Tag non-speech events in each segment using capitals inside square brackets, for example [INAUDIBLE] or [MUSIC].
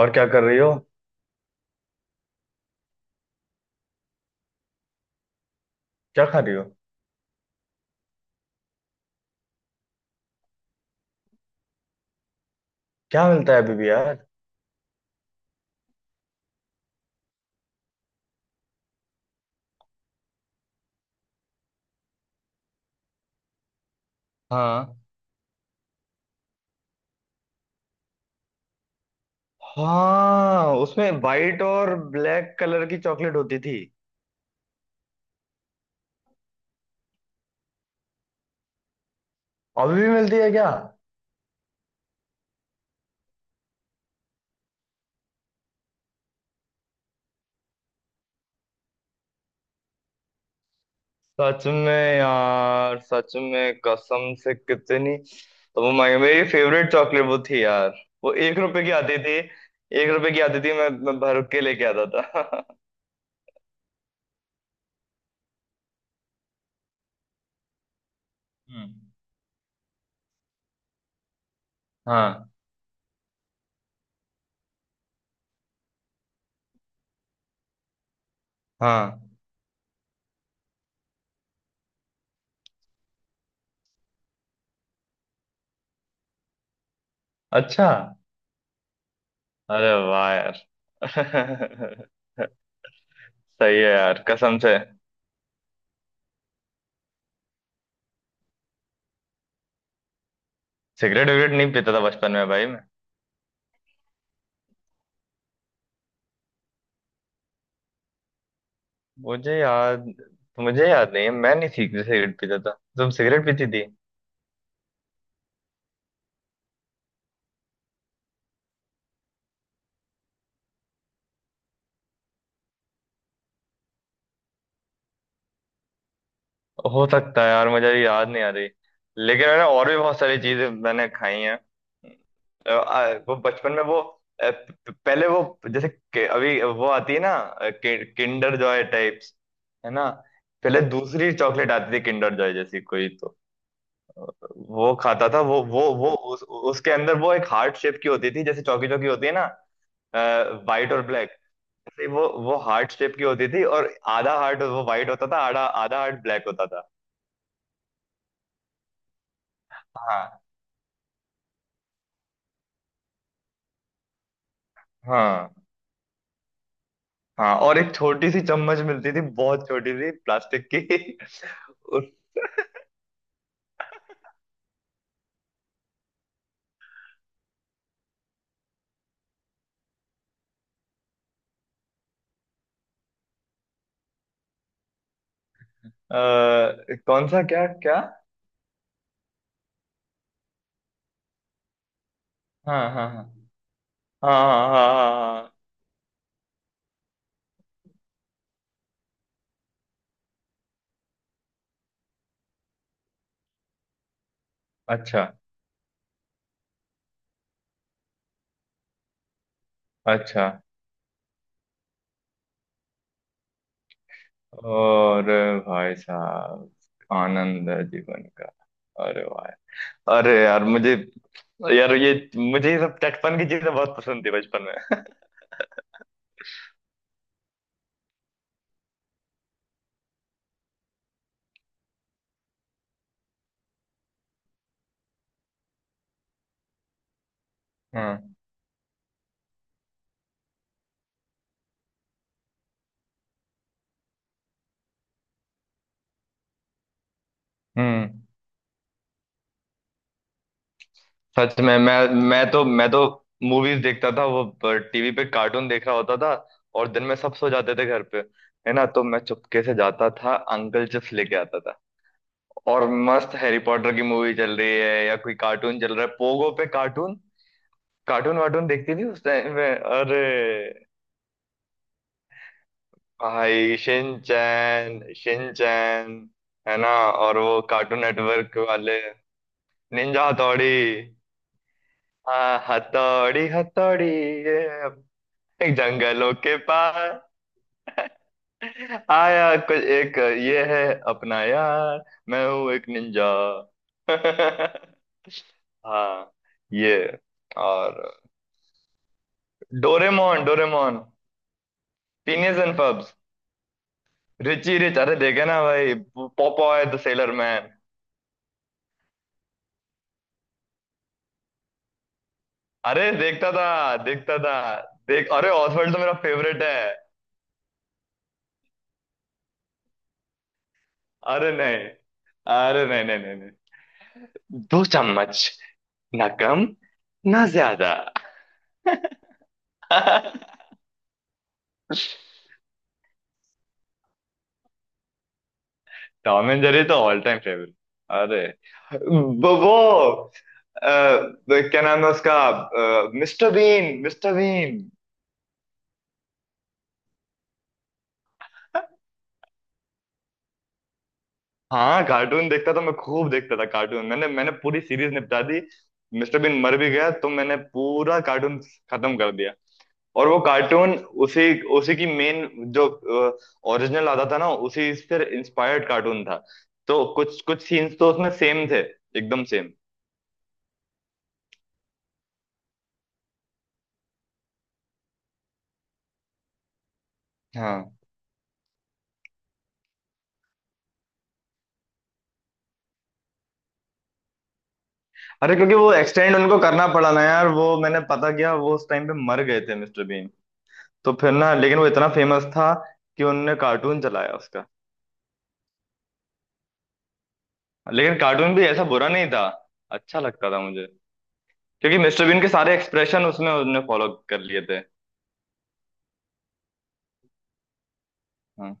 और क्या कर रही हो? क्या खा रही हो? क्या मिलता है अभी भी यार? हाँ। हाँ, उसमें वाइट और ब्लैक कलर की चॉकलेट होती थी। अभी भी मिलती है क्या? सच में यार, सच में कसम से कितनी। तो वो मैं मेरी फेवरेट चॉकलेट वो थी यार। वो 1 रुपए की आती थी। 1 रुपए की आती थी, मैं भर के लेके आता था। [LAUGHS] हम्म। हाँ। हाँ। अच्छा। अरे वाह यार। [LAUGHS] सही है यार, कसम से। सिगरेट विगरेट नहीं पीता था बचपन में भाई मैं। मुझे याद मुझे याद नहीं है, मैं नहीं सिगरेट सिगरेट पीता था। तुम सिगरेट पीती थी? हो सकता है यार, मुझे याद नहीं आ रही। लेकिन मैंने और भी बहुत सारी चीजें मैंने खाई हैं। वो बचपन में वो अ, प- प- पहले वो जैसे अभी वो आती है ना, किंडर जॉय टाइप्स। है ना? पहले दूसरी चॉकलेट आती थी किंडर जॉय जैसी कोई तो। अ, वो खाता था वो उसके अंदर वो एक हार्ट शेप की होती थी, जैसे चौकी चौकी होती है ना। व्हाइट और ब्लैक से वो हार्ट शेप की होती थी, और आधा हार्ट वो व्हाइट होता था, आधा आधा हार्ट ब्लैक होता था। हाँ। हाँ, हाँ। और एक छोटी सी चम्मच मिलती थी, बहुत छोटी सी, प्लास्टिक की। [LAUGHS] उस अ, कौन सा? क्या क्या? हाँ, हाँ, हाँ, हाँ, हाँ, हाँ, हाँ, हाँ। हाँ, हाँ। अच्छा। अच्छा। और। भाई साहब। आनंद है जीवन का। अरे वाह। अरे यार मुझे, यार ये, मुझे ये सब चटपन की चीजें बहुत पसंद थी बचपन में। हाँ। हम्म। सच में मैं तो मूवीज देखता था, वो टीवी पे कार्टून देख रहा होता था। और दिन में सब सो जाते थे घर पे। है ना? तो मैं चुपके से जाता था, अंकल चिप्स लेके आता था। और मस्त हैरी पॉटर की मूवी चल रही है या कोई कार्टून चल रहा है, पोगो पे कार्टून। कार्टून वार्टून देखती थी उस टाइम में, अरे। भाई, शिनचैन, शिनचैन। है ना? और वो कार्टून नेटवर्क वाले। Ninja Hattori. हाँ, हथौड़ी हथौड़ी। जंगलों के पार। आया कुछ एक। ये है। अपना यार। मैं हूँ एक निंजा। [LAUGHS] हाँ। ये। और। Doraemon, Doraemon. पीनियस एंड पब्स। रिची रिच, अरे देखे ना भाई, पॉपॉय द सेलर मैन। अरे देखता था। देखता था। देख, अरे ऑसवर्ल्ड तो मेरा फेवरेट है। अरे नहीं। अरे नहीं, नहीं, नहीं, नहीं। दो चम्मच। ना कम। ना ज्यादा। [LAUGHS] टॉम एंड जेरी तो ऑल टाइम फेवरेट। अरे। वो वो, अ, क्या नाम है उसका? Mister Bean, mister Bean. हाँ, कार्टून देखता था मैं, खूब देखता था कार्टून, मैंने मैंने पूरी सीरीज निपटा दी। मिस्टर बीन मर भी गया, तो मैंने पूरा कार्टून खत्म कर दिया। और वो कार्टून उसी उसी की मेन, जो ओरिजिनल आता था ना, उसी से इंस्पायर्ड कार्टून था। तो कुछ कुछ सीन्स तो उसमें सेम थे। एकदम सेम। अरे क्योंकि वो एक्सटेंड उनको करना पड़ा ना यार, वो मैंने पता किया, वो उस टाइम पे मर गए थे मिस्टर बीन। तो फिर ना, लेकिन वो इतना फेमस था, कि उनने कार्टून चलाया उसका। लेकिन कार्टून भी ऐसा बुरा नहीं था। अच्छा लगता था मुझे। क्योंकि मिस्टर बीन के सारे एक्सप्रेशन उसमें उसने फॉलो कर लिए थे। हाँ।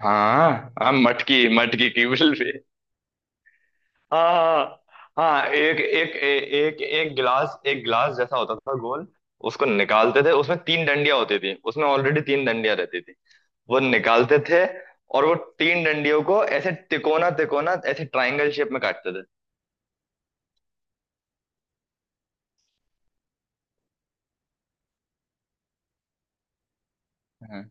हाँ, हाँ, मटकी मटकी की बिल भी। हाँ। हाँ, एक एक ए- एक एक गिलास जैसा होता था, गोल। उसको निकालते थे, उसमें तीन डंडियां होती थी, उसमें ऑलरेडी तीन डंडियां रहती थी। वो निकालते थे। और वो तीन डंडियों को ऐसे तिकोना तिकोना, ऐसे ट्रायंगल शेप में काटते थे। हाँ।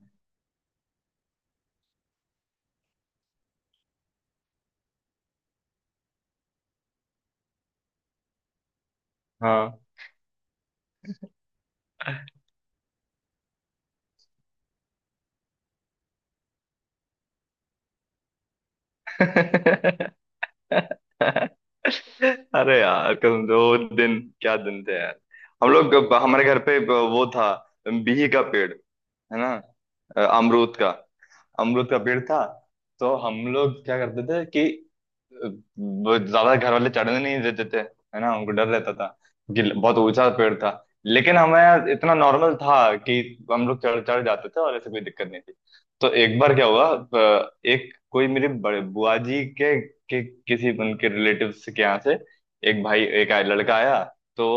[LAUGHS] हाँ। अरे यार कसम से, वो दिन क्या दिन थे यार। हम लोग, हमारे घर पे वो था, बिही का पेड़। है ना? अमरूद का। अमरूद का पेड़ था। तो हम लोग क्या करते थे, कि वो ज्यादा घर वाले चढ़ने नहीं देते थे। है ना, उनको डर रहता था, कि बहुत ऊंचा पेड़ था। लेकिन हमें इतना नॉर्मल था, कि हम लोग चढ़ चढ़ जाते थे, और ऐसे कोई दिक्कत नहीं थी। तो एक बार क्या हुआ, एक कोई मेरे बड़े बुआ जी के किसी उनके रिलेटिव्स के यहाँ से एक लड़का आया। तो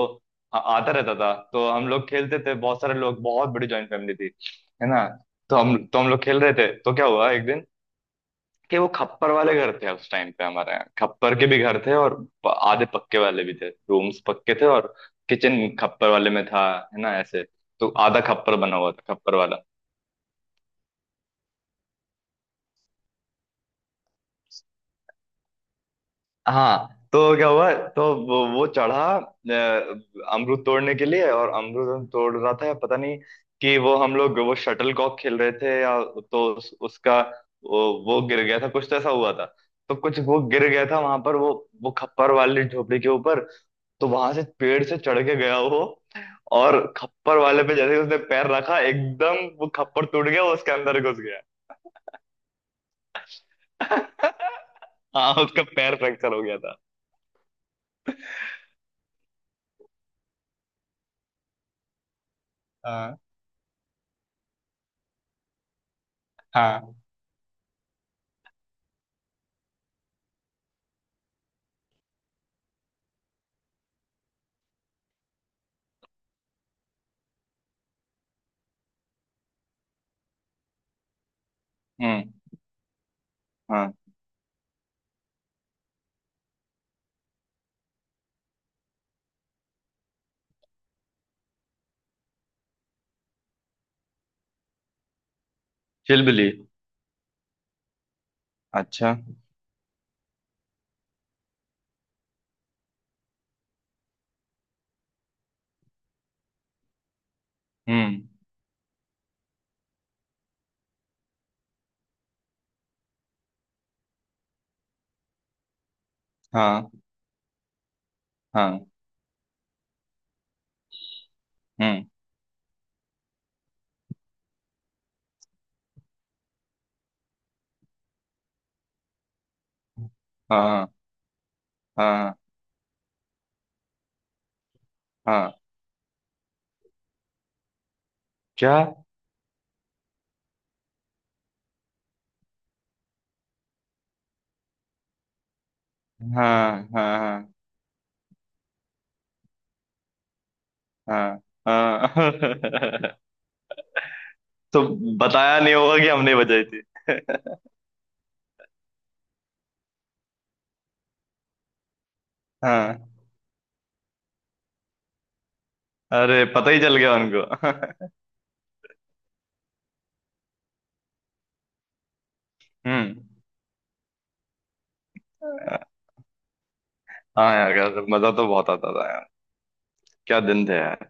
आता रहता था, तो हम लोग खेलते थे, बहुत सारे लोग, बहुत बड़ी जॉइंट फैमिली थी। है ना? तो हम लोग खेल रहे थे, तो क्या हुआ एक दिन, कि वो खप्पर वाले घर थे उस टाइम पे, हमारे यहाँ खप्पर के भी घर थे, और आधे पक्के वाले भी थे, रूम्स पक्के थे, और किचन खप्पर वाले में था। है ना ऐसे। तो आधा खप्पर बना हुआ था, खप्पर वाला। हाँ, तो क्या हुआ, तो वो चढ़ा अमरूद तोड़ने के लिए, और अमरूद हम तोड़ रहा था, पता नहीं कि वो, हम लोग वो शटल कॉक खेल रहे थे या। तो उसका वो गिर गया था, कुछ तो ऐसा हुआ था। तो कुछ वो गिर गया था वहां पर, वो खप्पर वाली झोपड़ी के ऊपर। तो वहां से पेड़ से चढ़ के गया वो, और खप्पर वाले पे जैसे ही उसने पैर रखा, एकदम वो खप्पर टूट गया, वो उसके अंदर घुस गया। [LAUGHS] हाँ, उसका पैर फ्रैक्चर हो गया था। हाँ। हाँ। हम्म। हाँ। चिलबिली। अच्छा। हम्म। हाँ। हाँ। हम्म। हाँ, हाँ, हाँ, हाँ। क्या? हाँ, हाँ, हाँ, हाँ, हाँ। [LAUGHS] तो बताया नहीं होगा कि हमने बजाई थी। हाँ। अरे पता ही चल गया उनको। [LAUGHS] हम्म। हाँ यार, यार मजा तो बहुत आता था यार। क्या दिन थे यार।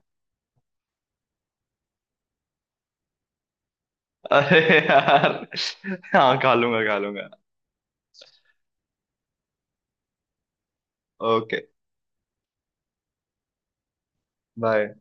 [LAUGHS] अरे यार। हाँ, खा लूंगा, खा लूंगा। ओके। बाय।